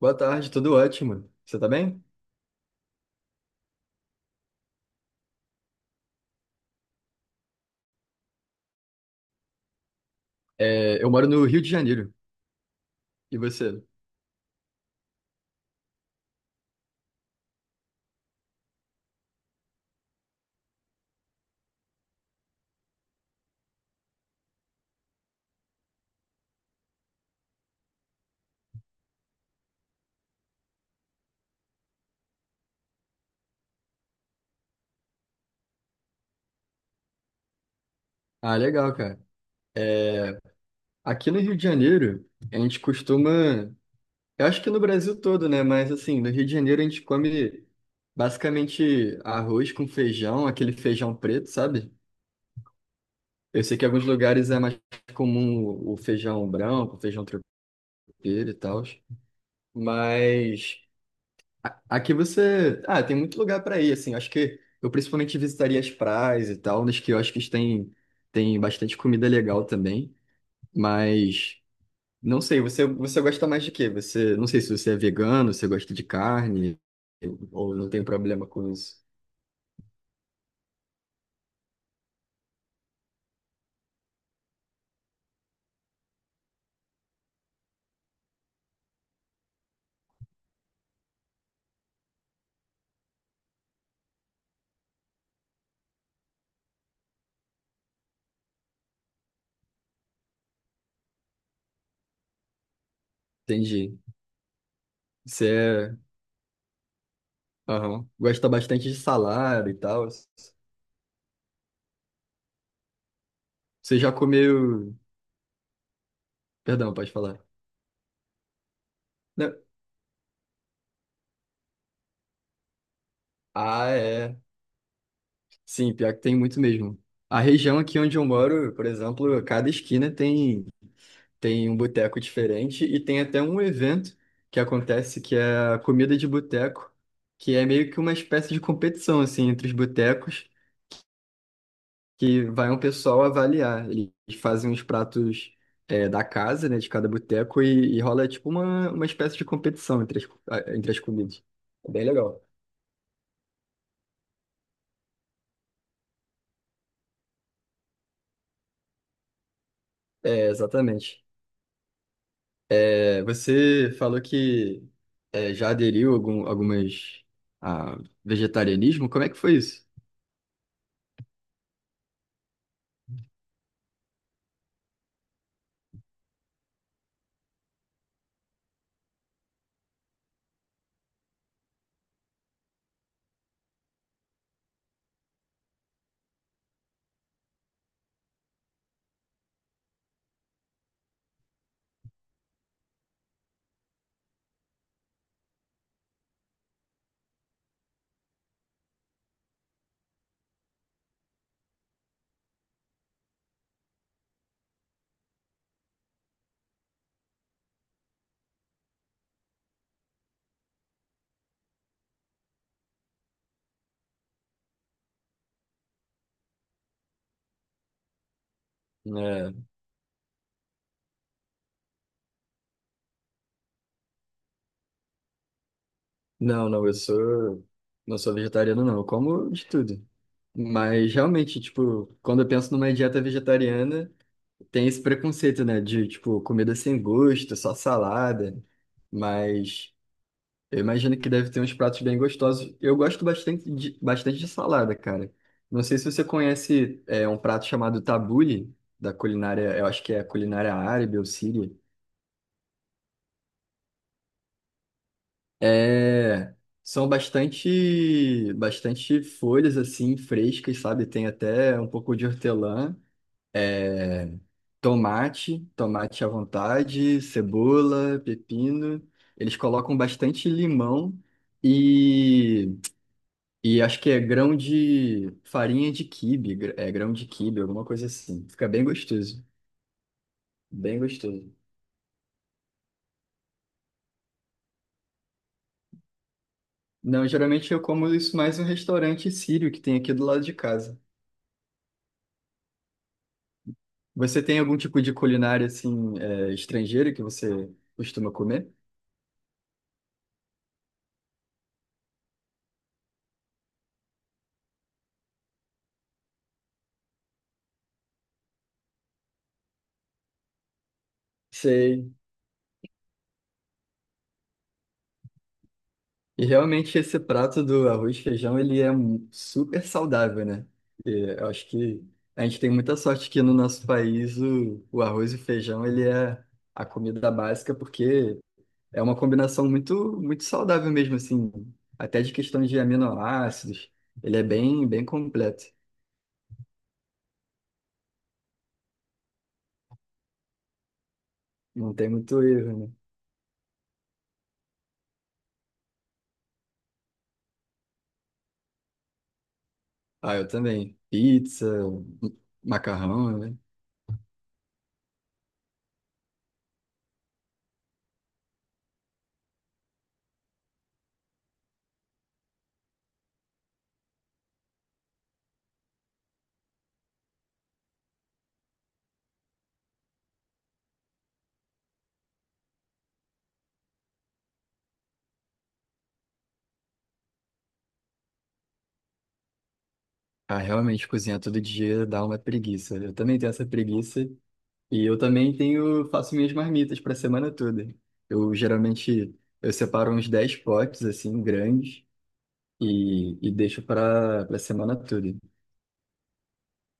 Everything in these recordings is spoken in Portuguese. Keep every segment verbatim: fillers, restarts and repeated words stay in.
Boa tarde, tudo ótimo. Você tá bem? É, eu moro no Rio de Janeiro. E você? Ah, legal, cara. Aqui no Rio de Janeiro, a gente costuma. Eu acho que no Brasil todo, né? Mas assim, no Rio de Janeiro a gente come basicamente arroz com feijão, aquele feijão preto, sabe? Eu sei que em alguns lugares é mais comum o feijão branco, o feijão tropeiro e tal. Mas aqui você. Ah, tem muito lugar para ir, assim. Acho que eu principalmente visitaria as praias e tal. Nos quiosques tem, tem bastante comida legal também. Mas não sei, você, você gosta mais de quê? Você, não sei se você é vegano, você gosta de carne, ou não tem problema com isso. Entendi. Você é, aham, gosta bastante de salada e tal. Você já comeu. Perdão, pode falar. Não. Ah, é. Sim, pior que tem muito mesmo. A região aqui onde eu moro, por exemplo, cada esquina tem, tem um boteco diferente e tem até um evento que acontece que é a comida de boteco, que é meio que uma espécie de competição assim entre os botecos, que vai um pessoal avaliar. Eles fazem uns pratos é, da casa, né, de cada boteco e, e rola tipo uma, uma espécie de competição entre as, entre as comidas. É bem legal. É, exatamente. É, você falou que é, já aderiu algum, algumas a vegetarianismo. Como é que foi isso? É, não, não, eu sou não sou vegetariano, não. Eu como de tudo. Mas realmente, tipo, quando eu penso numa dieta vegetariana, tem esse preconceito, né? De, tipo, comida sem gosto, só salada. Mas eu imagino que deve ter uns pratos bem gostosos. Eu gosto bastante de, bastante de salada, cara. Não sei se você conhece é, um prato chamado tabule, da culinária, eu acho que é culinária árabe ou síria. É, são bastante, bastante folhas assim frescas, sabe? Tem até um pouco de hortelã, é, tomate, tomate à vontade, cebola, pepino. Eles colocam bastante limão. E acho que é grão de farinha de quibe, gr- é grão de quibe, alguma coisa assim. Fica bem gostoso, bem gostoso. Não, geralmente eu como isso mais no restaurante sírio que tem aqui do lado de casa. Você tem algum tipo de culinária assim é, estrangeira que você costuma comer? Sei. E realmente esse prato do arroz e feijão ele é mu- super saudável, né? E eu acho que a gente tem muita sorte que no nosso país o, o arroz e o feijão ele é a comida básica porque é uma combinação muito, muito saudável mesmo, assim, até de questão de aminoácidos. Ele é bem, bem completo. Não tem muito erro, né? Ah, eu também. Pizza, macarrão, né? Ah, realmente cozinhar todo dia dá uma preguiça. Eu também tenho essa preguiça e eu também tenho, faço minhas marmitas para a semana toda. Eu geralmente eu separo uns dez potes assim grandes e, e deixo para para a semana toda.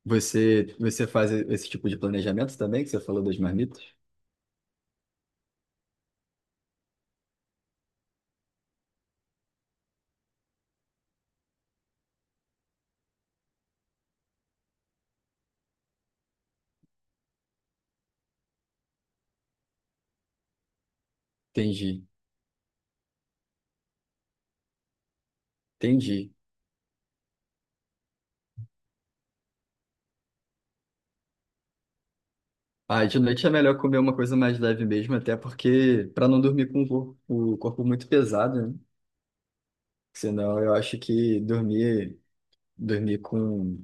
Você, você faz esse tipo de planejamento também, que você falou das marmitas? Entendi, entendi. Ah, de noite é melhor comer uma coisa mais leve mesmo, até porque para não dormir com o cor- o corpo muito pesado, né? Senão eu acho que dormir, dormir com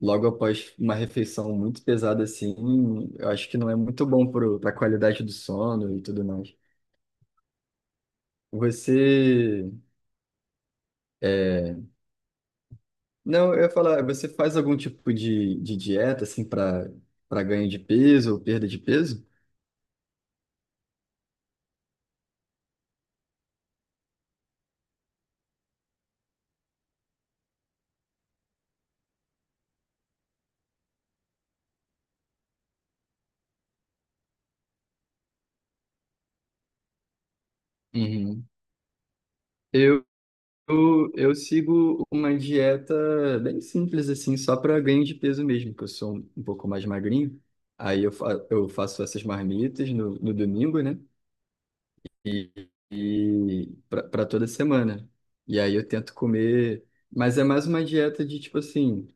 logo após uma refeição muito pesada assim, eu acho que não é muito bom para a qualidade do sono e tudo mais. Você é, não, eu ia falar, você faz algum tipo de, de dieta, assim, para para ganho de peso ou perda de peso? Uhum. Eu, eu, eu sigo uma dieta bem simples, assim, só para ganho de peso mesmo, que eu sou um, um pouco mais magrinho. Aí eu, fa eu faço essas marmitas no, no domingo, né? E, e para toda semana. E aí eu tento comer, mas é mais uma dieta de tipo assim.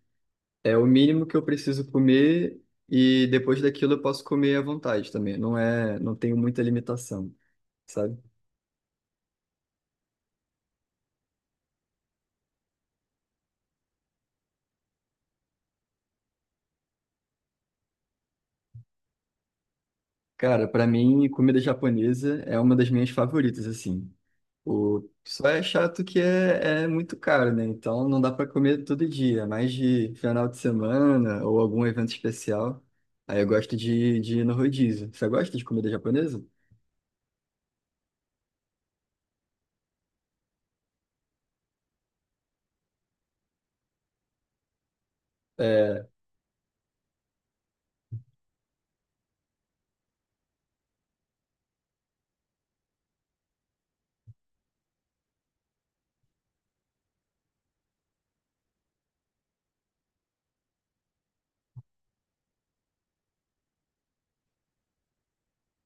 É o mínimo que eu preciso comer e depois daquilo eu posso comer à vontade também. Não é, não tenho muita limitação, sabe? Cara, pra mim, comida japonesa é uma das minhas favoritas, assim. O só é chato que é, é muito caro, né? Então não dá pra comer todo dia, mais de final de semana ou algum evento especial. Aí eu gosto de, de ir no rodízio. Você gosta de comida japonesa? É,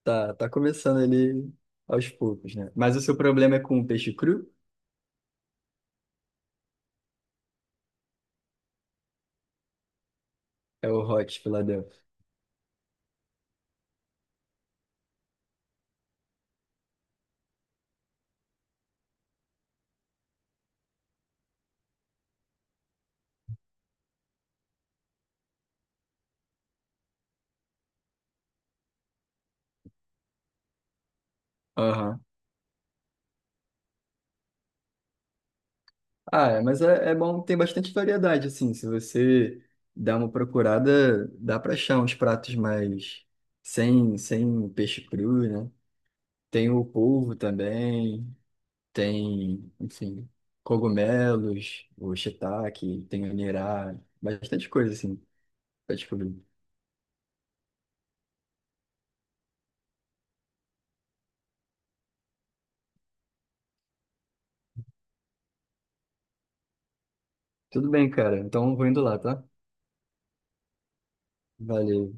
tá, tá começando ali aos poucos, né? Mas o seu problema é com o peixe cru? É o Hot Philadelphia. Aham. Ah, é, mas é, é bom, tem bastante variedade, assim. Se você dá uma procurada, dá pra achar uns pratos mais sem, sem peixe cru, né? Tem o polvo também, tem, enfim, cogumelos, o shiitake, tem o nirá, bastante coisa, assim, pra descobrir. Tudo bem, cara. Então vou indo lá, tá? Valeu.